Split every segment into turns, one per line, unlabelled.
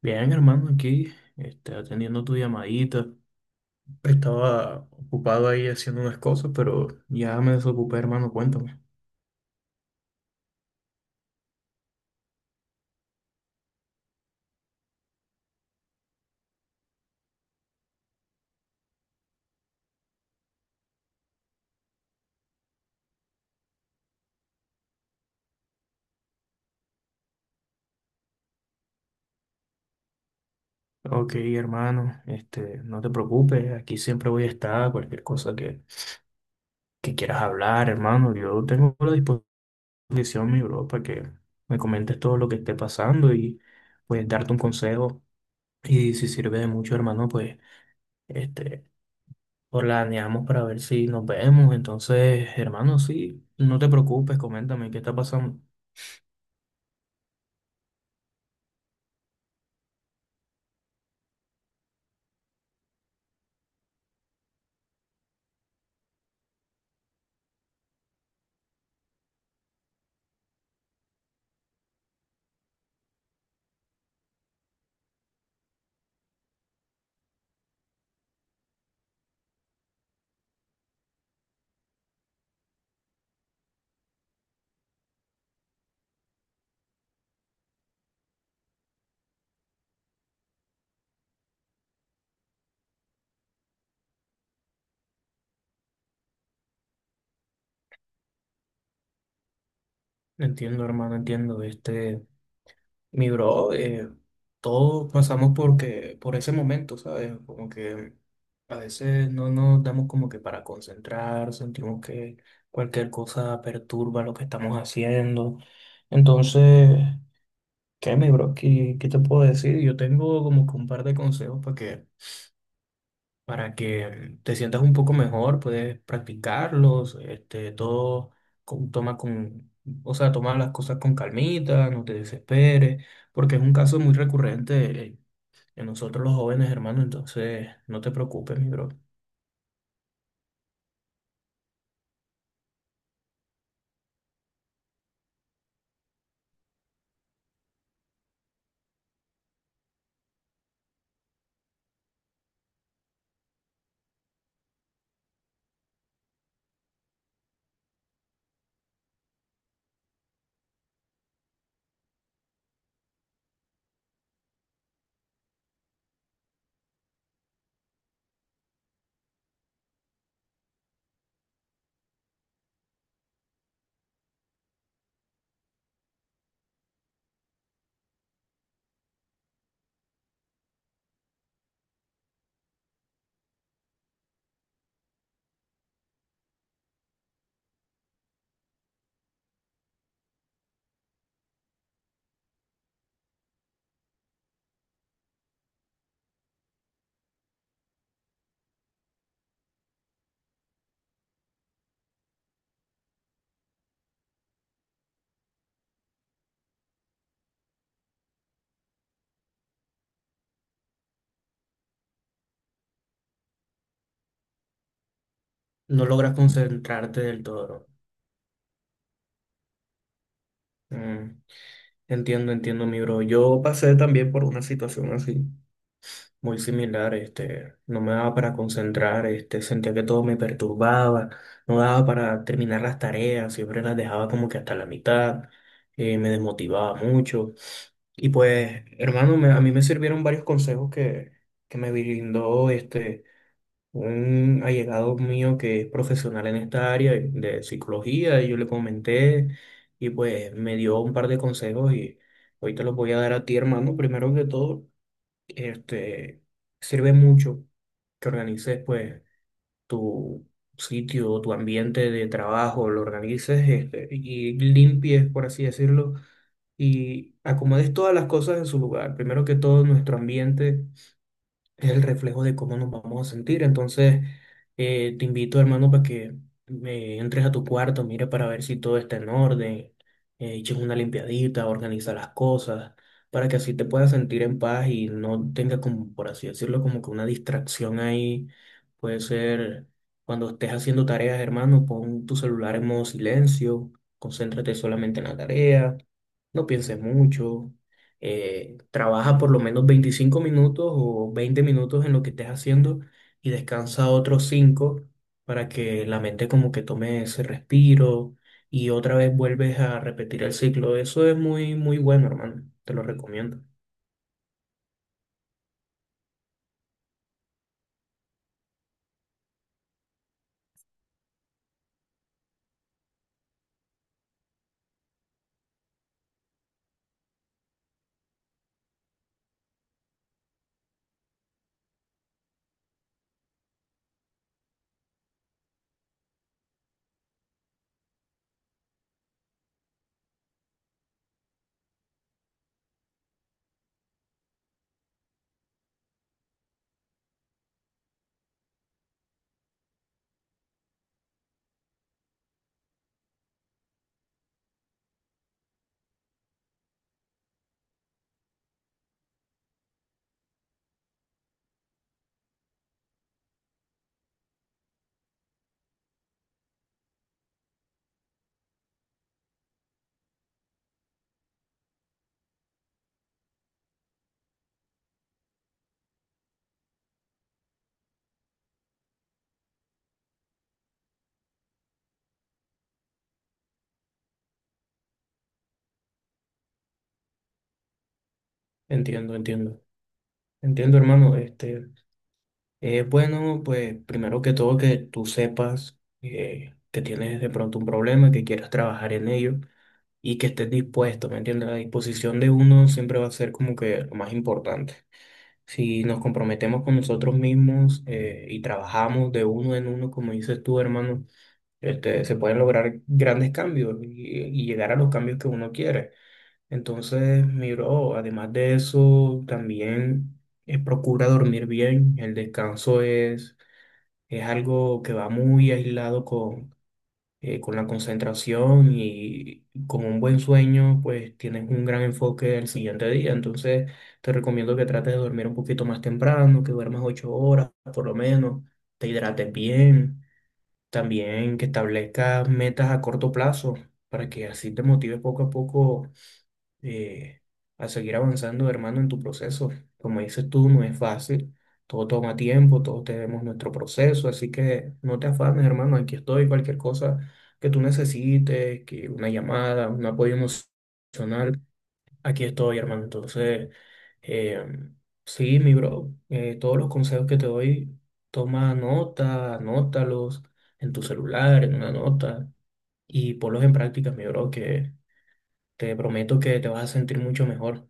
Bien, hermano, aquí atendiendo tu llamadita. Estaba ocupado ahí haciendo unas cosas, pero ya me desocupé, hermano, cuéntame. Ok, hermano, no te preocupes, aquí siempre voy a estar, cualquier cosa que quieras hablar, hermano. Yo tengo a la disposición, mi bro, para que me comentes todo lo que esté pasando y pues darte un consejo. Y si sirve de mucho, hermano, pues este, planeamos para ver si nos vemos. Entonces, hermano, sí, no te preocupes, coméntame qué está pasando. Entiendo, hermano, entiendo. Este, mi bro, todos pasamos porque, por ese momento, ¿sabes? Como que a veces no nos damos como que para concentrar, sentimos que cualquier cosa perturba lo que estamos haciendo. Entonces, ¿qué, mi bro? ¿Qué te puedo decir? Yo tengo como que un par de consejos para que te sientas un poco mejor, puedes practicarlos, este, toma o sea, toma las cosas con calmita, no te desesperes, porque es un caso muy recurrente en nosotros los jóvenes, hermano, entonces no te preocupes, mi bro. No logras concentrarte del todo, bro. Mm, entiendo, entiendo, mi bro. Yo pasé también por una situación así, muy similar. Este, no me daba para concentrar, este, sentía que todo me perturbaba, no daba para terminar las tareas, siempre las dejaba como que hasta la mitad, me desmotivaba mucho. Y pues, hermano, a mí me sirvieron varios consejos que me brindó este, un allegado mío que es profesional en esta área de psicología, y yo le comenté y pues me dio un par de consejos y hoy te los voy a dar a ti, hermano. Primero que todo, este, sirve mucho que organices pues tu sitio, tu ambiente de trabajo, lo organices este, y limpies, por así decirlo, y acomodes todas las cosas en su lugar. Primero que todo, nuestro ambiente es el reflejo de cómo nos vamos a sentir. Entonces, te invito, hermano, para que me entres a tu cuarto, mire para ver si todo está en orden, eches una limpiadita, organiza las cosas, para que así te puedas sentir en paz y no tengas como, por así decirlo, como que una distracción ahí. Puede ser cuando estés haciendo tareas, hermano, pon tu celular en modo silencio, concéntrate solamente en la tarea, no pienses mucho, trabaja por lo menos 25 minutos o 20 minutos en lo que estés haciendo y descansa otros 5 para que la mente como que tome ese respiro y otra vez vuelves a repetir el ciclo. Eso es muy, muy bueno, hermano. Te lo recomiendo. Entiendo, entiendo. Entiendo, hermano. Este, es bueno, pues primero que todo que tú sepas que tienes de pronto un problema, que quieras trabajar en ello. Y que estés dispuesto, ¿me entiendes? La disposición de uno siempre va a ser como que lo más importante. Si nos comprometemos con nosotros mismos y trabajamos de uno en uno, como dices tú, hermano, este, se pueden lograr grandes cambios y llegar a los cambios que uno quiere. Entonces, mi bro, además de eso, también procura dormir bien. El descanso es algo que va muy aislado con la concentración, y con un buen sueño, pues tienes un gran enfoque el siguiente día. Entonces, te recomiendo que trates de dormir un poquito más temprano, que duermas 8 horas por lo menos, te hidrates bien, también que establezcas metas a corto plazo para que así te motive poco a poco, eh, a seguir avanzando, hermano, en tu proceso. Como dices tú, no es fácil, todo toma tiempo, todos tenemos nuestro proceso, así que no te afanes, hermano, aquí estoy, cualquier cosa que tú necesites, que una llamada, un apoyo emocional, aquí estoy, hermano. Entonces, eh, sí, mi bro, todos los consejos que te doy, toma nota, anótalos en tu celular, en una nota, y ponlos en práctica, mi bro, que te prometo que te vas a sentir mucho mejor.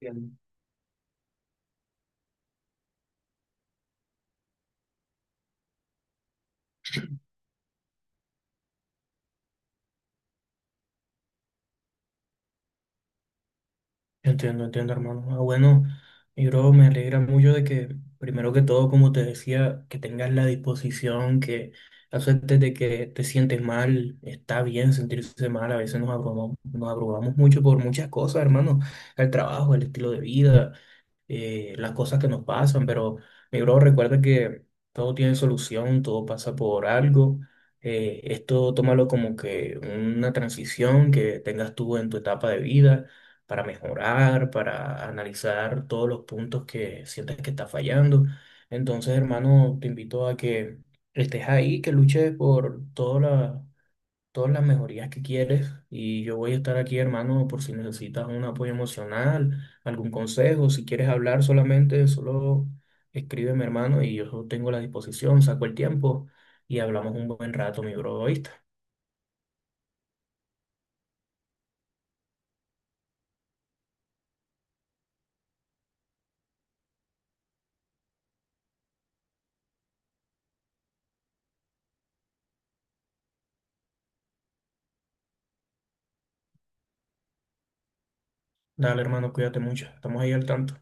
Entiendo, entiendo, entiendo, hermano. Ah, bueno, y bro, me alegra mucho de que, primero que todo, como te decía, que tengas la disposición, que aceptes de que te sientes mal, está bien sentirse mal, a veces nos abrumamos mucho por muchas cosas, hermano, el trabajo, el estilo de vida, las cosas que nos pasan, pero mi bro, recuerda que todo tiene solución, todo pasa por algo. Esto tómalo como que una transición que tengas tú en tu etapa de vida para mejorar, para analizar todos los puntos que sientes que estás fallando. Entonces, hermano, te invito a que estés ahí, que luches por todas las mejorías que quieres y yo voy a estar aquí, hermano, por si necesitas un apoyo emocional, algún consejo, si quieres hablar solamente, solo escríbeme, hermano, y yo tengo la disposición, saco el tiempo y hablamos un buen rato, mi bro, ¿oíste? Dale, hermano, cuídate mucho, estamos ahí al tanto.